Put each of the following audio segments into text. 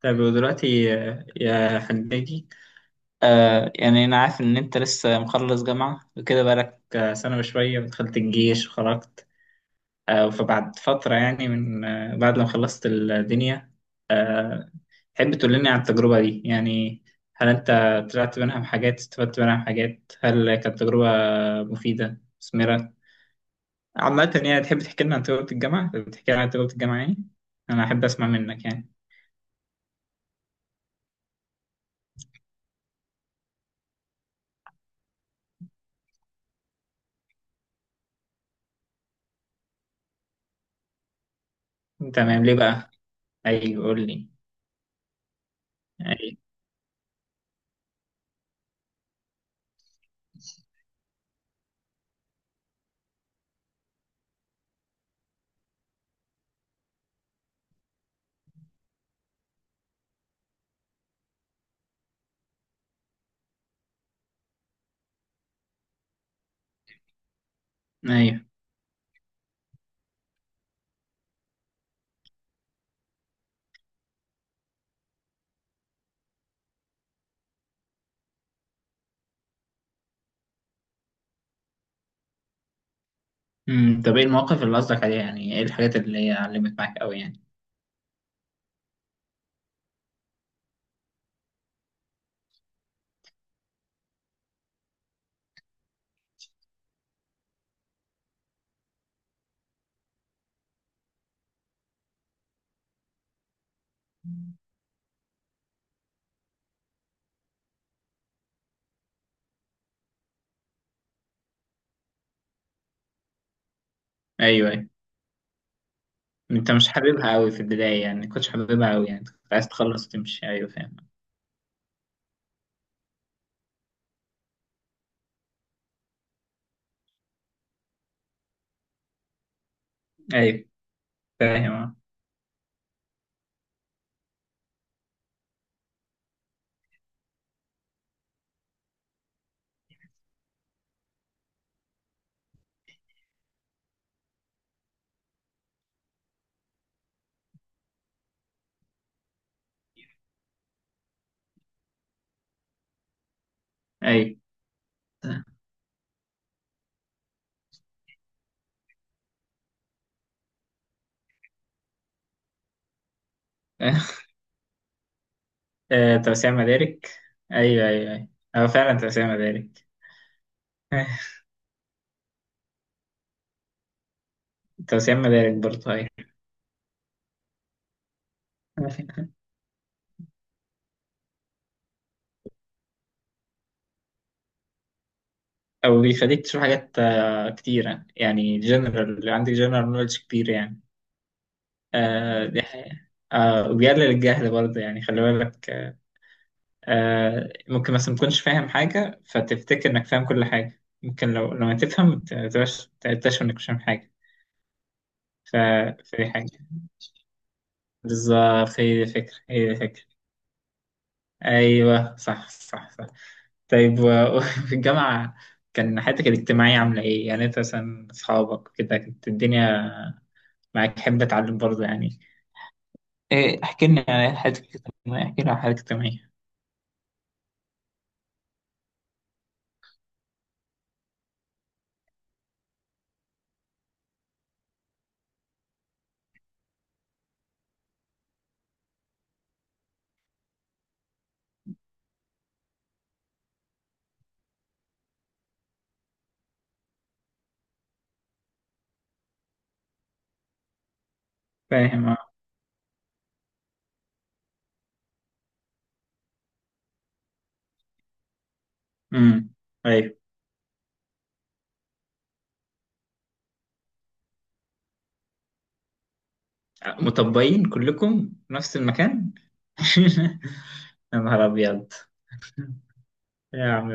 طيب ودلوقتي يا حجاجي. يعني أنا عارف إن أنت لسه مخلص جامعة وكده بقالك سنة وشوية، ودخلت الجيش وخرجت. فبعد فترة يعني من بعد ما خلصت الدنيا آه تحب تقول لنا عن التجربة دي يعني؟ هل أنت طلعت منها بحاجات؟ استفدت منها بحاجات؟ هل كانت تجربة مفيدة مثمرة عامة يعني؟ تحب تحكي لنا عن تجربة الجامعة، يعني أنا أحب أسمع منك يعني. تمام، ليه بقى؟ أيوه قول لي. أيوه. ايوه. امم. طب ايه المواقف اللي قصدك عليها يعني؟ ايه الحاجات اللي هي علمت معاك قوي يعني؟ ايوه، ايوه، انت مش حاببها قوي في البدايه يعني، كنتش حاببها قوي يعني، كنت عايز تخلص وتمشي، ايوه فاهم. ايوه فاهم. ايوه. توسيع مدارك. ايوه ايوه ايوه. هو فعلا توسيع مدارك. توسيع مدارك برضه، ايوه. او بيخليك تشوف حاجات كتيره، يعني جنرال، عندك جنرال نولج كتير يعني. دي حقيقة. وبيقلل الجهل برضه يعني، خلي بالك. ممكن مثلا متكونش فاهم حاجة فتفتكر إنك فاهم كل حاجة، ممكن لو لما تفهم تبقاش تكتشف إنك مش فاهم حاجة. ف... فدي حاجة. بالظبط، هي دي الفكرة، هي دي الفكرة. أيوه صح صح صح. طيب وفي الجامعة، كان حياتك الاجتماعية عاملة إيه؟ يعني أنت مثلا أصحابك كده، كانت الدنيا معاك حابة أتعلم برضه يعني؟ إيه، احكي لنا عن حياتك الاجتماعية، فاهم أه. أمم. أيوه. مطبقين كلكم في نفس المكان؟ يا نهار أبيض، يا عم.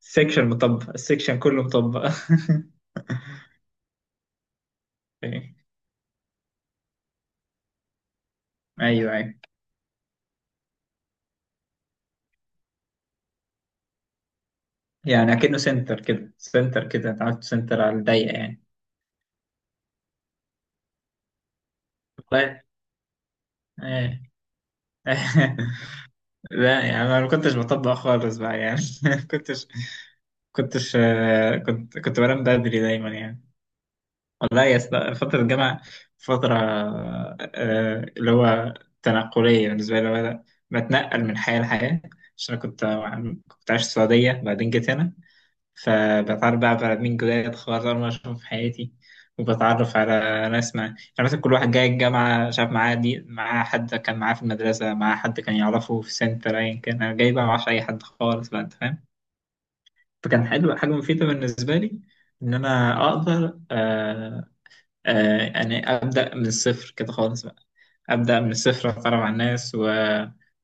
السكشن مطبق، السكشن كله مطبق. أوكي. أيوه أيوه، يعني أكنه سنتر كده، أنت عملت سنتر على الضيق يعني. والله. إيه. لا يعني أنا ما كنتش بطبق خالص بقى يعني. كنتش كنتش كنت بنام بدري دايما يعني. والله يا اسطى، فترة الجامعة فترة اللي هو تنقلية بالنسبة لي، اللي هو أنا بتنقل من حياة لحياة، عشان أنا كنت عايش في السعودية، بعدين جيت هنا. فبتعرف بقى على مين جداد خالص، أول مرة أشوفهم في حياتي. وبتعرف على ناس، مع يعني مثلا كل واحد جاي الجامعة شاف معاه، دي معاه حد كان معاه في المدرسة، معاه حد كان يعرفه في سنتر، أيا كان. أنا جاي بقى معرفش أي حد خالص بقى، أنت فاهم. فكان حلو، حاجة مفيدة بالنسبة لي، إن أنا أقدر يعني ابدا من الصفر كده خالص بقى، ابدا من الصفر، اتعرف على الناس و...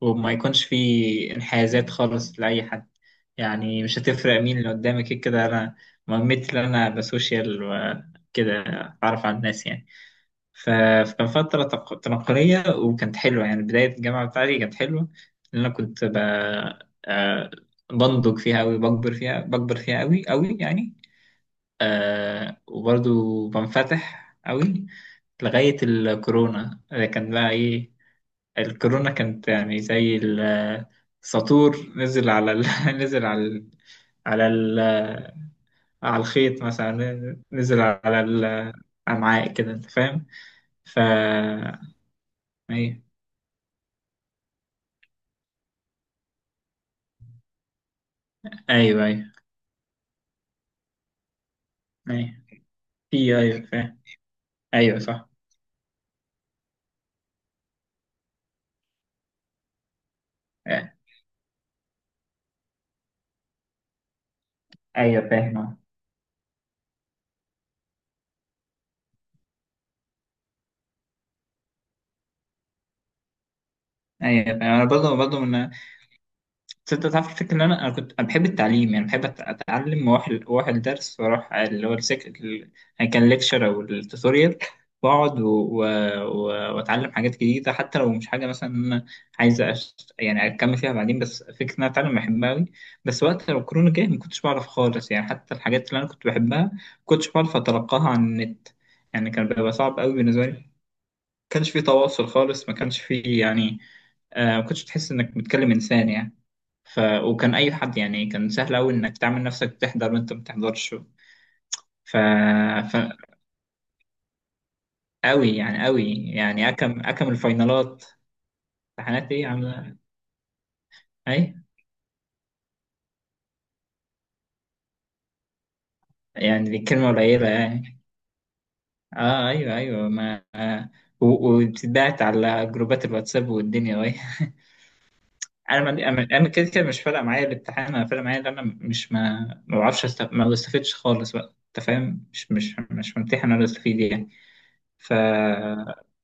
وما يكونش في انحيازات خالص لاي حد. يعني مش هتفرق مين اللي قدامك، كده كده انا مهمتي ان انا بسوشيال وكده، اتعرف على الناس يعني. ف... فكان فتره تنقليه، وكانت حلوه يعني، بدايه الجامعه بتاعتي كانت حلوه، لان انا كنت آه، بنضج فيها قوي، بكبر فيها، قوي قوي يعني. وبرضو بنفتح قوي لغاية الكورونا. كان بقى ايه، الكورونا كانت يعني زي السطور، نزل على ال... نزل على ال... على ال... آه، على الخيط مثلا، نزل على ال- الأمعاء كده، انت فاهم. ف ايوه ايوه ايوه. ايوه. في، ايوه فاهم. ايوه صح آه، ايوه فاهم ايوه فاهم. انا برضه من، بس انت تعرف الفكرة ان انا، كنت انا بحب التعليم يعني، بحب اتعلم، واروح، الدرس، واروح اللي هو يعني، كان ليكشر او التوتوريال، واقعد واتعلم حاجات جديده، حتى لو مش حاجه مثلا انا عايز يعني اكمل فيها بعدين، بس فكره ان انا اتعلم بحبها قوي. بس وقت لو الكورونا جه ما كنتش بعرف خالص يعني، حتى الحاجات اللي انا كنت بحبها ما كنتش بعرف اتلقاها عن النت، يعني كان بيبقى صعب قوي بالنسبه لي، ما كانش في تواصل خالص، ما كانش في يعني ما كنتش تحس انك بتكلم انسان يعني. وكان اي حد يعني، كان سهل قوي انك تعمل نفسك بتحضر وانت ما بتحضرش. ف... ف قوي يعني، اكم الفاينالات. امتحانات ايه عامله؟ اي يعني، دي كلمه قليله يعني. اه ايوه ايوه، ما وبتتبعت على جروبات الواتساب والدنيا وهي. انا ما... انا، كده كده مش فارقه معايا الامتحان، انا فارقه معايا ان انا مش، ما بعرفش ما بستفدش خالص بقى، انت فاهم، مش ممتحن ولا استفيد يعني. ف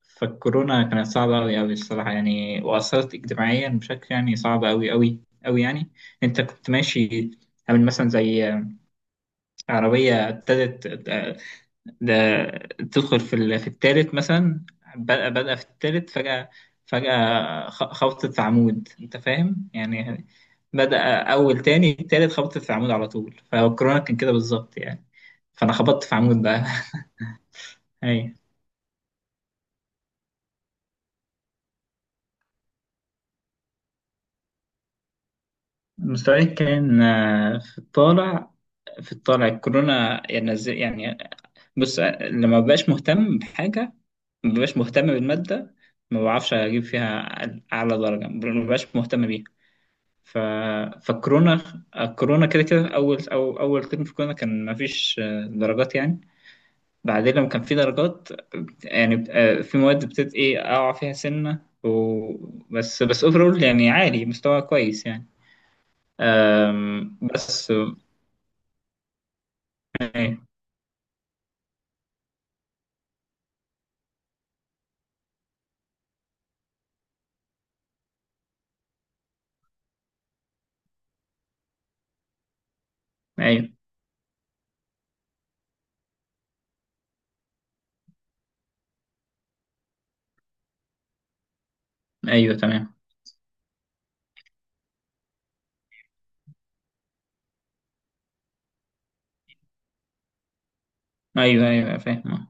فالكورونا كانت صعبة أوي أوي الصراحة يعني، وأثرت اجتماعيا بشكل يعني صعب أوي أوي أوي يعني. أنت كنت ماشي، عامل مثلا زي عربية ابتدت، ده تدخل في في التالت مثلا، بدأ في التالت فجأة، فجأة خبطت في عمود، أنت فاهم يعني. بدأ أول، تاني التالت خبطت في عمود على طول، فالكورونا كان كده بالظبط يعني، فأنا خبطت في عمود بقى. أيوة. مستواي كان في الطالع، الكورونا يعني يعني بص، لما ببقاش مهتم بحاجة، ما ببقاش مهتم بالمادة، ما بعرفش أجيب فيها أعلى درجة، ما ببقاش مهتم بيها. ف... فالكورونا، الكورونا كده كده، أول أو أول ترم في الكورونا كان ما فيش درجات يعني. بعدين لما كان في درجات، يعني في مواد بتت إيه أقع فيها سنة و... بس أوفرول يعني عالي، مستوى كويس يعني، بس. أيوه أيوه أيوه تمام. أيوه أيوه فاهم.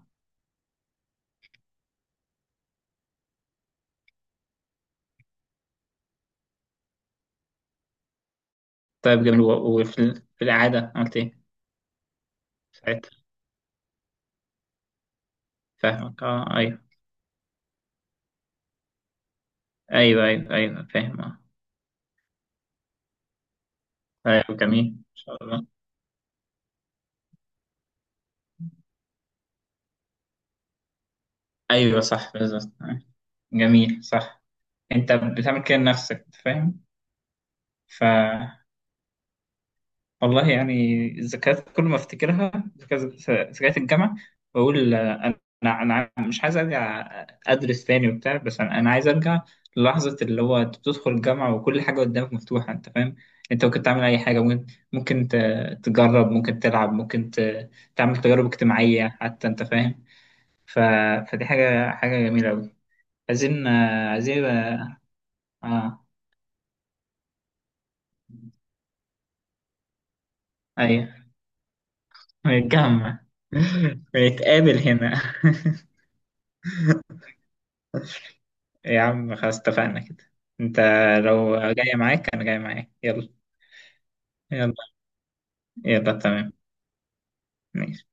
طيب جميل، وفي في الإعادة عملت إيه ساعتها؟ فاهمك أه. أيوه أيوه أيوه أيوه فاهم أه. أيوه جميل إن شاء الله. أيوه صح بالظبط جميل صح. أنت بتعمل كده لنفسك، فاهم. ف والله يعني الذكريات، كل ما افتكرها ذكريات، ذكريات الجامعه، بقول انا، مش عايز ارجع ادرس تاني وبتاع، بس انا عايز ارجع للحظه اللي هو انت بتدخل الجامعه وكل حاجه قدامك مفتوحه، انت فاهم. انت ممكن تعمل اي حاجه، ممكن تجرب، ممكن تلعب، ممكن تعمل تجارب اجتماعيه حتى، انت فاهم. ف... فدي حاجه، حاجه جميله قوي. عايزين عايزين، اه آه، ايوه نتجمع. ونتقابل هنا. إيه يا عم، خلاص اتفقنا كده. انت لو جاي معاك، انا جاي معاك، يلا يلا يلا تمام ماشي.